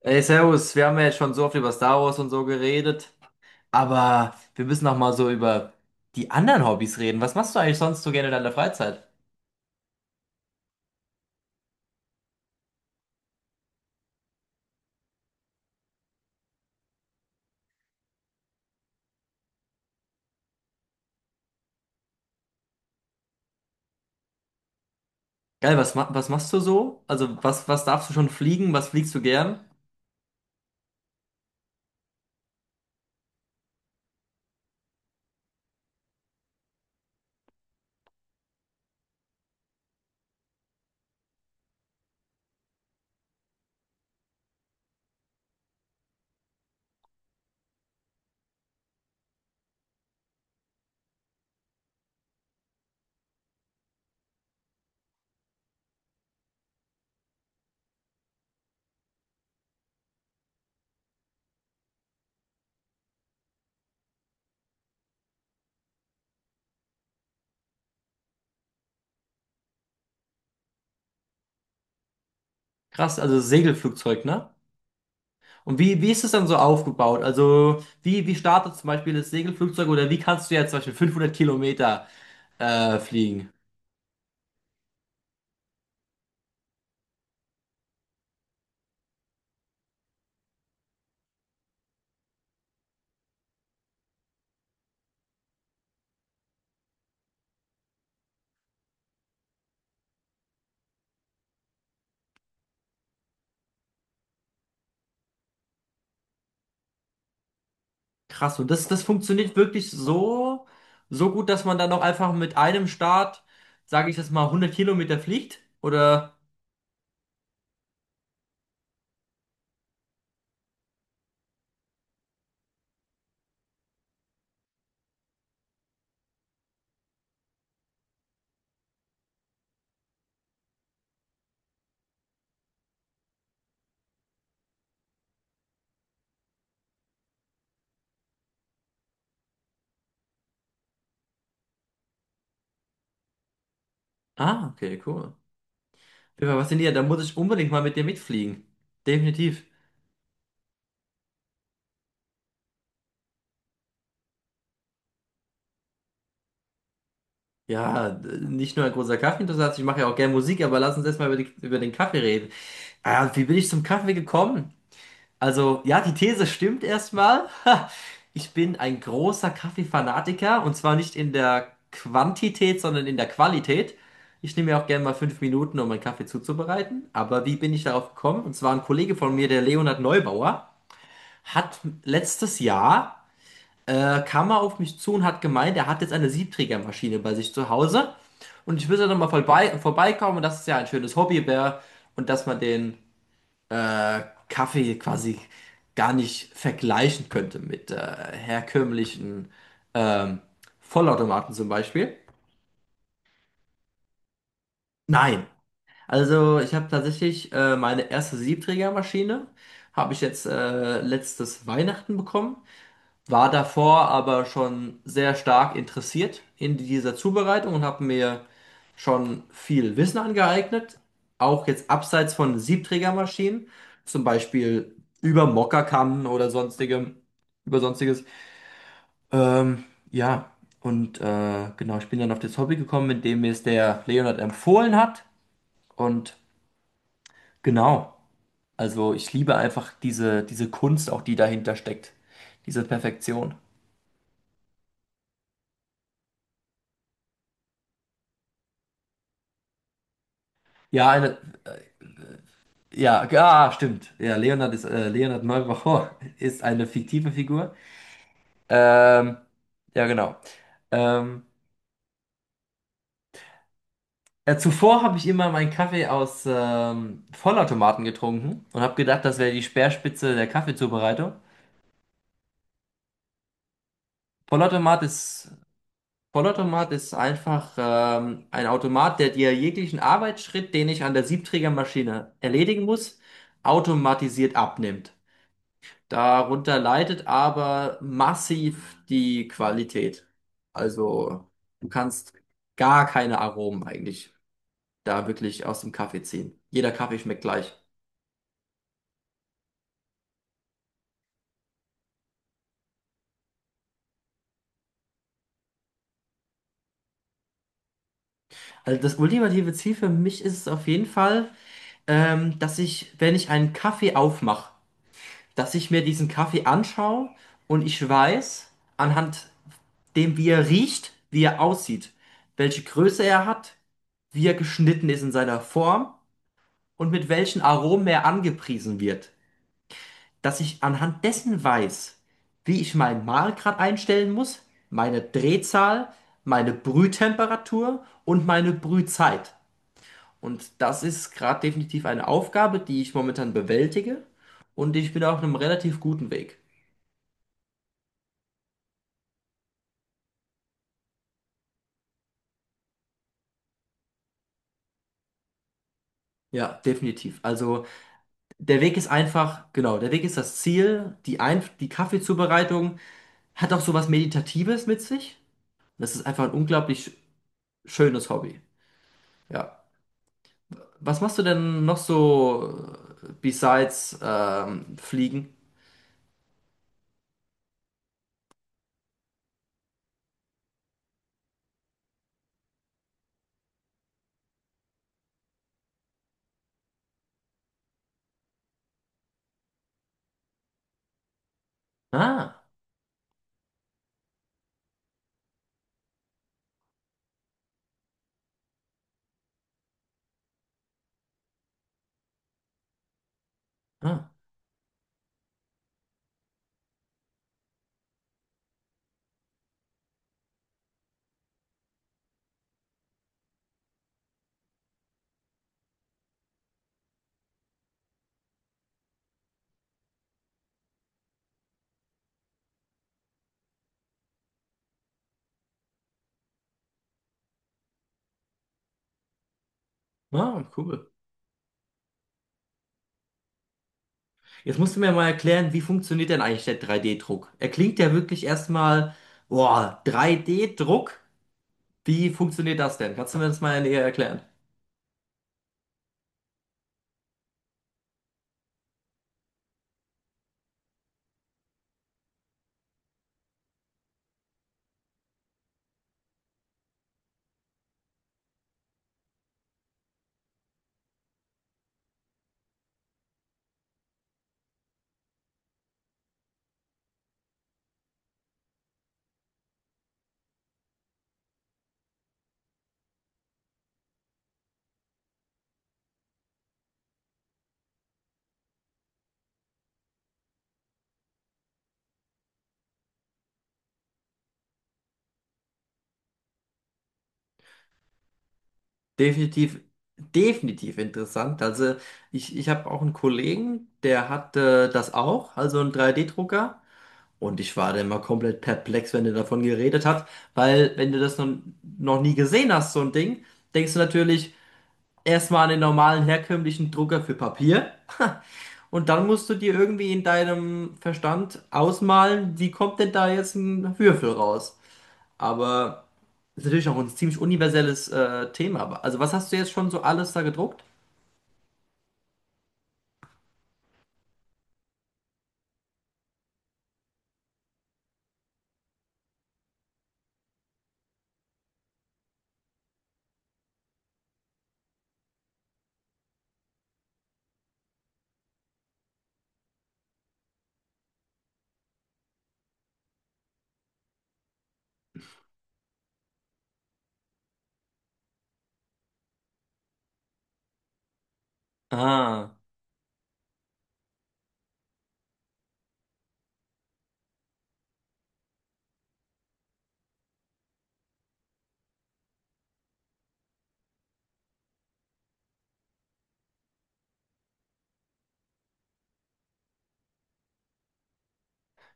Ey, Servus, wir haben ja jetzt schon so oft über Star Wars und so geredet, aber wir müssen noch mal so über die anderen Hobbys reden. Was machst du eigentlich sonst so gerne in deiner Freizeit? Geil, was machst du so? Also, was darfst du schon fliegen? Was fliegst du gern? Krass, also Segelflugzeug, ne? Und wie ist es dann so aufgebaut? Also, wie startet zum Beispiel das Segelflugzeug oder wie kannst du jetzt zum Beispiel 500 Kilometer fliegen? Krass, und das funktioniert wirklich so gut, dass man dann auch einfach mit einem Start, sage ich jetzt mal, 100 Kilometer fliegt? Oder? Ah, okay, cool. Auf jeden Fall, Was Da muss ich unbedingt mal mit dir mitfliegen. Definitiv. Ja, nicht nur ein großer Kaffeeinteressent, ich mache ja auch gerne Musik, aber lass uns erstmal über über den Kaffee reden. Ah, wie bin ich zum Kaffee gekommen? Also, ja, die These stimmt erstmal. Ich bin ein großer Kaffeefanatiker und zwar nicht in der Quantität, sondern in der Qualität. Ich nehme mir auch gerne mal 5 Minuten, um meinen Kaffee zuzubereiten. Aber wie bin ich darauf gekommen? Und zwar ein Kollege von mir, der Leonhard Neubauer, hat letztes Jahr, kam er auf mich zu und hat gemeint, er hat jetzt eine Siebträgermaschine bei sich zu Hause. Und ich will da nochmal vorbeikommen. Und das ist ja ein schönes Hobby wäre und dass man den äh, Kaffee quasi gar nicht vergleichen könnte mit herkömmlichen ähm, Vollautomaten zum Beispiel. Nein, also ich habe tatsächlich meine erste Siebträgermaschine, habe ich jetzt letztes Weihnachten bekommen. War davor aber schon sehr stark interessiert in dieser Zubereitung und habe mir schon viel Wissen angeeignet, auch jetzt abseits von Siebträgermaschinen, zum Beispiel über Mokkakannen oder sonstigem, über sonstiges. Ähm, ja, und genau, ich bin dann auf das Hobby gekommen, indem mir es der Leonard empfohlen hat. Und genau, also ich liebe einfach diese Kunst, auch die dahinter steckt, diese Perfektion. Ja, eine. Ja, ah, stimmt. Ja, Leonard ist Leonard Malraux ist eine fiktive Figur. Ähm, ja, genau. Ähm, ja, zuvor habe ich immer meinen Kaffee aus Vollautomaten getrunken und habe gedacht, das wäre die Speerspitze der Kaffeezubereitung. Vollautomat ist, Vollautomat ist einfach ein Automat, der dir jeglichen Arbeitsschritt, den ich an der Siebträgermaschine erledigen muss, automatisiert abnimmt. Darunter leidet aber massiv die Qualität. Also du kannst gar keine Aromen eigentlich da wirklich aus dem Kaffee ziehen. Jeder Kaffee schmeckt gleich. Also das ultimative Ziel für mich ist es auf jeden Fall, dass ich, wenn ich einen Kaffee aufmache, dass ich mir diesen Kaffee anschaue und ich weiß, anhand dem, wie er riecht, wie er aussieht, welche Größe er hat, wie er geschnitten ist in seiner Form und mit welchen Aromen er angepriesen wird, dass ich anhand dessen weiß, wie ich meinen Mahlgrad einstellen muss, meine Drehzahl, meine Brühtemperatur und meine Brühzeit. Und das ist gerade definitiv eine Aufgabe, die ich momentan bewältige und ich bin auf einem relativ guten Weg. Ja, definitiv. Also der Weg ist einfach, genau, der Weg ist das Ziel. Die Kaffeezubereitung hat auch sowas Meditatives mit sich. Das ist einfach ein unglaublich schönes Hobby. Ja. Was machst du denn noch so besides Fliegen? Ah, ah, cool. Jetzt musst du mir mal erklären, wie funktioniert denn eigentlich der 3D-Druck? Er klingt ja wirklich erstmal, boah, 3D-Druck? Wie funktioniert das denn? Kannst du mir das mal näher erklären? Definitiv, definitiv interessant. Also ich habe auch einen Kollegen, der hat das auch, also einen 3D-Drucker. Und ich war dann mal komplett perplex, wenn der davon geredet hat, weil wenn du das noch nie gesehen hast, so ein Ding, denkst du natürlich erstmal an den normalen herkömmlichen Drucker für Papier und dann musst du dir irgendwie in deinem Verstand ausmalen, wie kommt denn da jetzt ein Würfel raus? Aber ist natürlich auch ein ziemlich universelles Thema. Aber- Also was hast du jetzt schon so alles da gedruckt? Ah.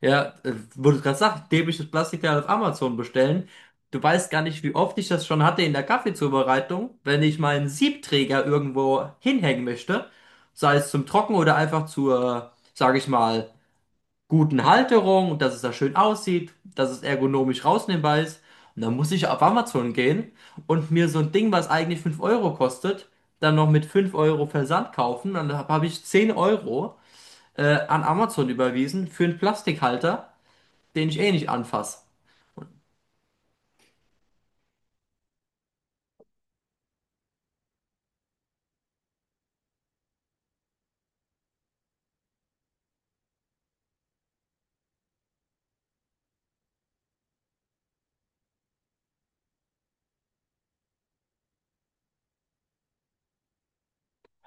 Ja, wo du gerade sagst, dämliches Plastikteil auf Amazon bestellen. Du weißt gar nicht, wie oft ich das schon hatte in der Kaffeezubereitung, wenn ich meinen Siebträger irgendwo hinhängen möchte, sei es zum Trocken oder einfach zur, sage ich mal, guten Halterung und dass es da schön aussieht, dass es ergonomisch rausnehmbar ist. Und dann muss ich auf Amazon gehen und mir so ein Ding, was eigentlich 5 Euro kostet, dann noch mit 5 Euro Versand kaufen. Dann hab ich 10 Euro an Amazon überwiesen für einen Plastikhalter den ich eh nicht anfasse.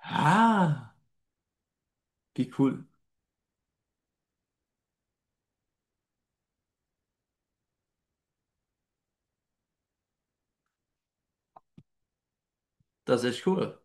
Ah, wie cool. Das ist echt cool.